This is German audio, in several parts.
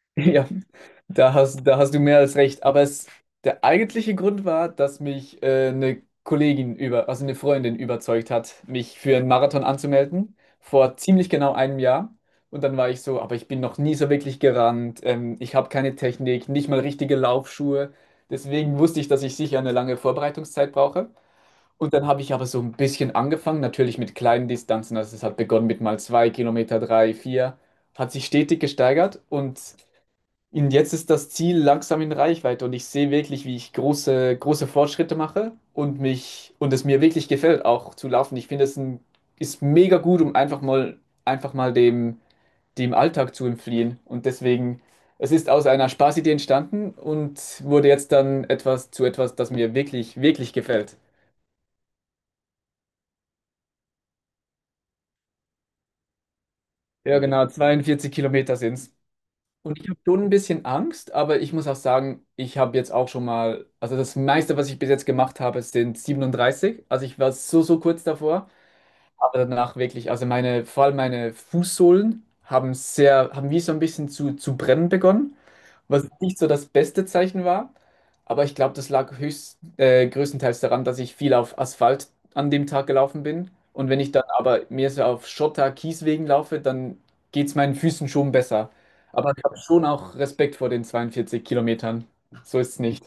Ja, da hast du mehr als recht. Aber es, der eigentliche Grund war, dass mich eine Kollegin über, also eine Freundin überzeugt hat, mich für einen Marathon anzumelden, vor ziemlich genau einem Jahr. Und dann war ich so, aber ich bin noch nie so wirklich gerannt. Ich habe keine Technik, nicht mal richtige Laufschuhe. Deswegen wusste ich, dass ich sicher eine lange Vorbereitungszeit brauche. Und dann habe ich aber so ein bisschen angefangen, natürlich mit kleinen Distanzen. Also es hat begonnen mit mal zwei Kilometer, drei, vier, hat sich stetig gesteigert und jetzt ist das Ziel langsam in Reichweite und ich sehe wirklich, wie ich große, große Fortschritte mache und mich und es mir wirklich gefällt, auch zu laufen. Ich finde, es ist ein, ist mega gut, um einfach mal dem Alltag zu entfliehen. Und deswegen, es ist aus einer Spaßidee entstanden und wurde jetzt dann etwas zu etwas, das mir wirklich, wirklich gefällt. Ja, genau, 42 Kilometer sind es. Und ich habe schon ein bisschen Angst, aber ich muss auch sagen, ich habe jetzt auch schon mal, also das meiste, was ich bis jetzt gemacht habe, sind 37. Also ich war so, so kurz davor, aber danach wirklich, also meine, vor allem meine Fußsohlen haben sehr, haben wie so ein bisschen zu brennen begonnen, was nicht so das beste Zeichen war. Aber ich glaube, das lag höchst, größtenteils daran, dass ich viel auf Asphalt an dem Tag gelaufen bin. Und wenn ich dann aber mehr so auf Schotter, Kieswegen laufe, dann geht es meinen Füßen schon besser. Aber ich habe schon auch Respekt vor den 42 Kilometern. So ist es nicht.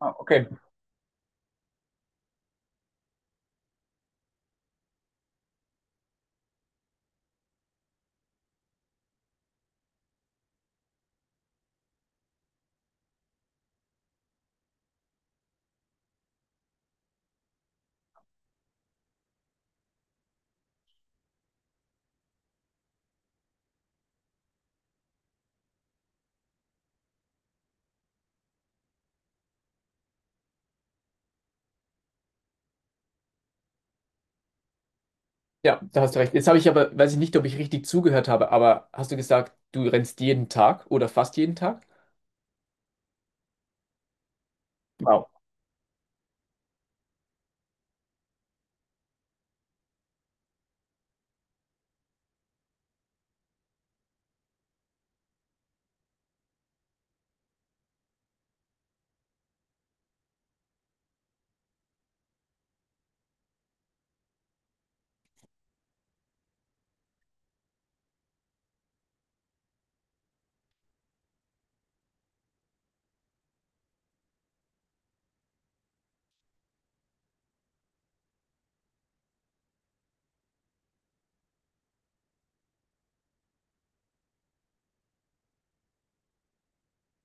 Ah, okay. Ja, da hast du recht. Jetzt habe ich aber, weiß ich nicht, ob ich richtig zugehört habe, aber hast du gesagt, du rennst jeden Tag oder fast jeden Tag? Wow.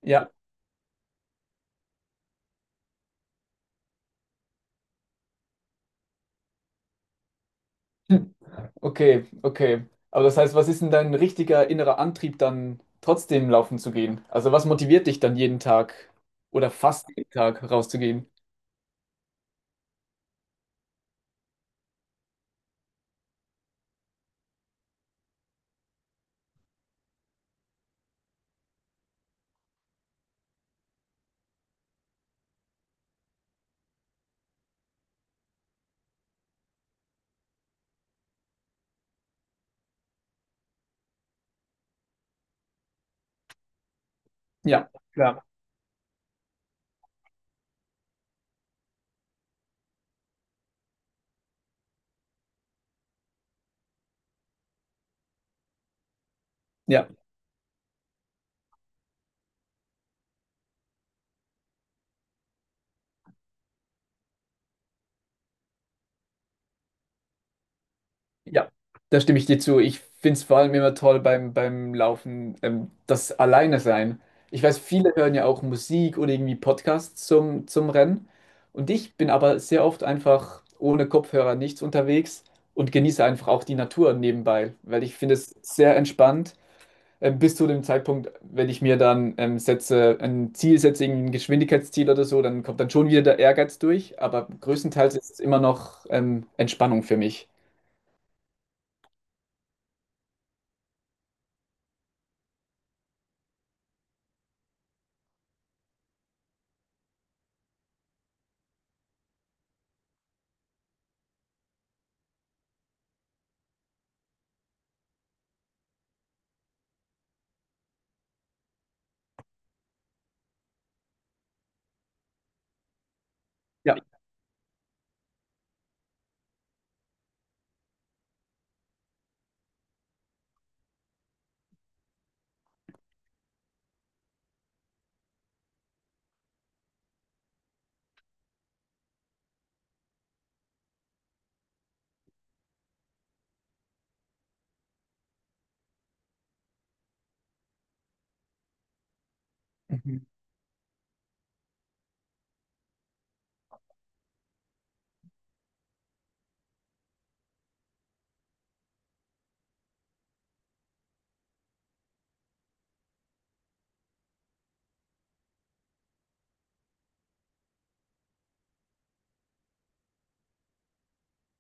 Ja. Okay, okay. Aber das heißt, was ist denn dein richtiger innerer Antrieb dann trotzdem laufen zu gehen? Also was motiviert dich dann jeden Tag oder fast jeden Tag rauszugehen? Ja, klar, ja, ja. Da stimme ich dir zu. Ich finde es vor allem immer toll beim, beim Laufen, das Alleine sein. Ich weiß, viele hören ja auch Musik oder irgendwie Podcasts zum, zum Rennen. Und ich bin aber sehr oft einfach ohne Kopfhörer nichts unterwegs und genieße einfach auch die Natur nebenbei, weil ich finde es sehr entspannt, bis zu dem Zeitpunkt, wenn ich mir dann ein Ziel setze, irgendwie ein Geschwindigkeitsziel oder so, dann kommt dann schon wieder der Ehrgeiz durch, aber größtenteils ist es immer noch Entspannung für mich. Ja. Mhm.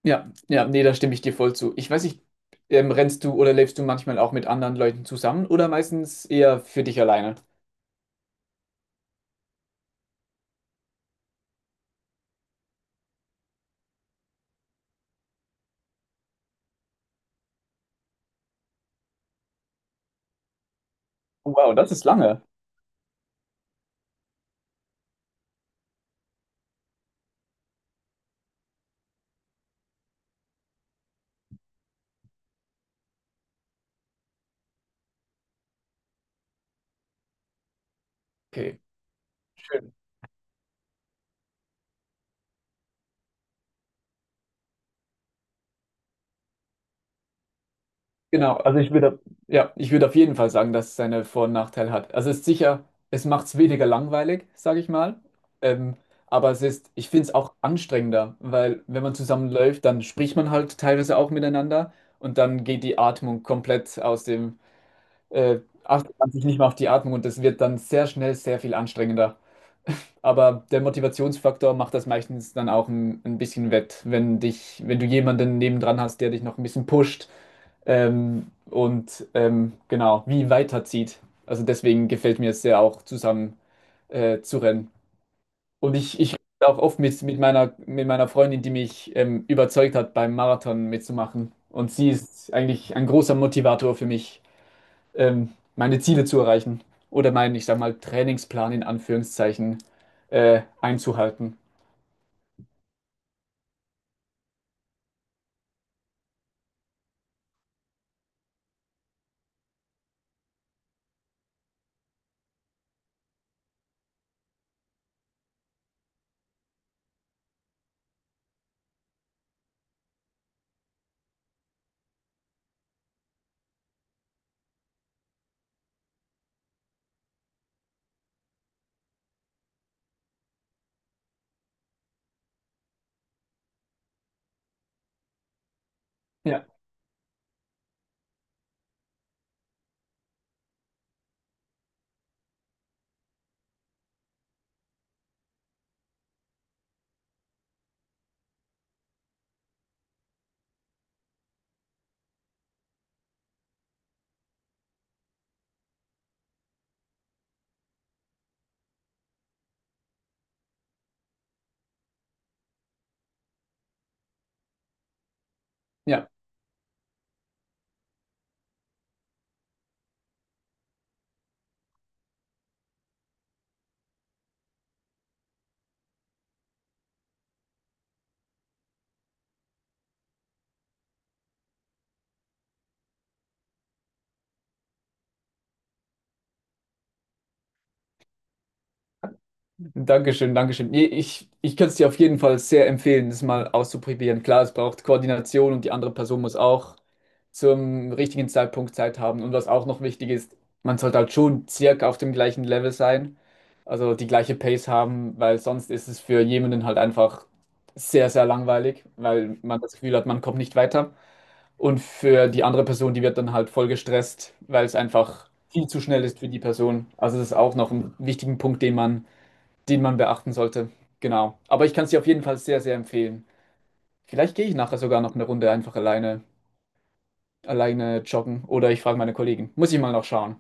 Ja, ja, nee, da stimme ich dir voll zu. Ich weiß nicht, rennst du oder lebst du manchmal auch mit anderen Leuten zusammen oder meistens eher für dich alleine? Wow, das ist lange. Okay. Schön. Genau, also ich würde, ja, ich würde auf jeden Fall sagen, dass es seine Vor- und Nachteile hat. Also es ist sicher, es macht es weniger langweilig, sage ich mal. Ähm, aber es ist, ich finde es auch anstrengender, weil wenn man zusammenläuft, dann spricht man halt teilweise auch miteinander und dann geht die Atmung komplett aus dem, äh, achtet man sich nicht mehr auf die Atmung und das wird dann sehr schnell sehr viel anstrengender. Aber der Motivationsfaktor macht das meistens dann auch ein bisschen wett, wenn dich, wenn du jemanden nebendran hast, der dich noch ein bisschen pusht, genau, wie weiterzieht. Also deswegen gefällt mir es sehr auch zusammen zu rennen. Und ich rede auch oft mit meiner Freundin, die mich überzeugt hat, beim Marathon mitzumachen. Und sie ist eigentlich ein großer Motivator für mich, meine Ziele zu erreichen oder meinen, ich sag mal, Trainingsplan in Anführungszeichen einzuhalten. Ja, ja. Dankeschön, Dankeschön. Nee, ich könnte es dir auf jeden Fall sehr empfehlen, das mal auszuprobieren. Klar, es braucht Koordination und die andere Person muss auch zum richtigen Zeitpunkt Zeit haben. Und was auch noch wichtig ist, man sollte halt schon circa auf dem gleichen Level sein, also die gleiche Pace haben, weil sonst ist es für jemanden halt einfach sehr, sehr langweilig, weil man das Gefühl hat, man kommt nicht weiter. Und für die andere Person, die wird dann halt voll gestresst, weil es einfach viel zu schnell ist für die Person. Also das ist auch noch ein wichtigen Punkt, den man beachten sollte. Genau. Aber ich kann es dir auf jeden Fall sehr, sehr empfehlen. Vielleicht gehe ich nachher sogar noch eine Runde einfach alleine, alleine joggen oder ich frage meine Kollegen. Muss ich mal noch schauen.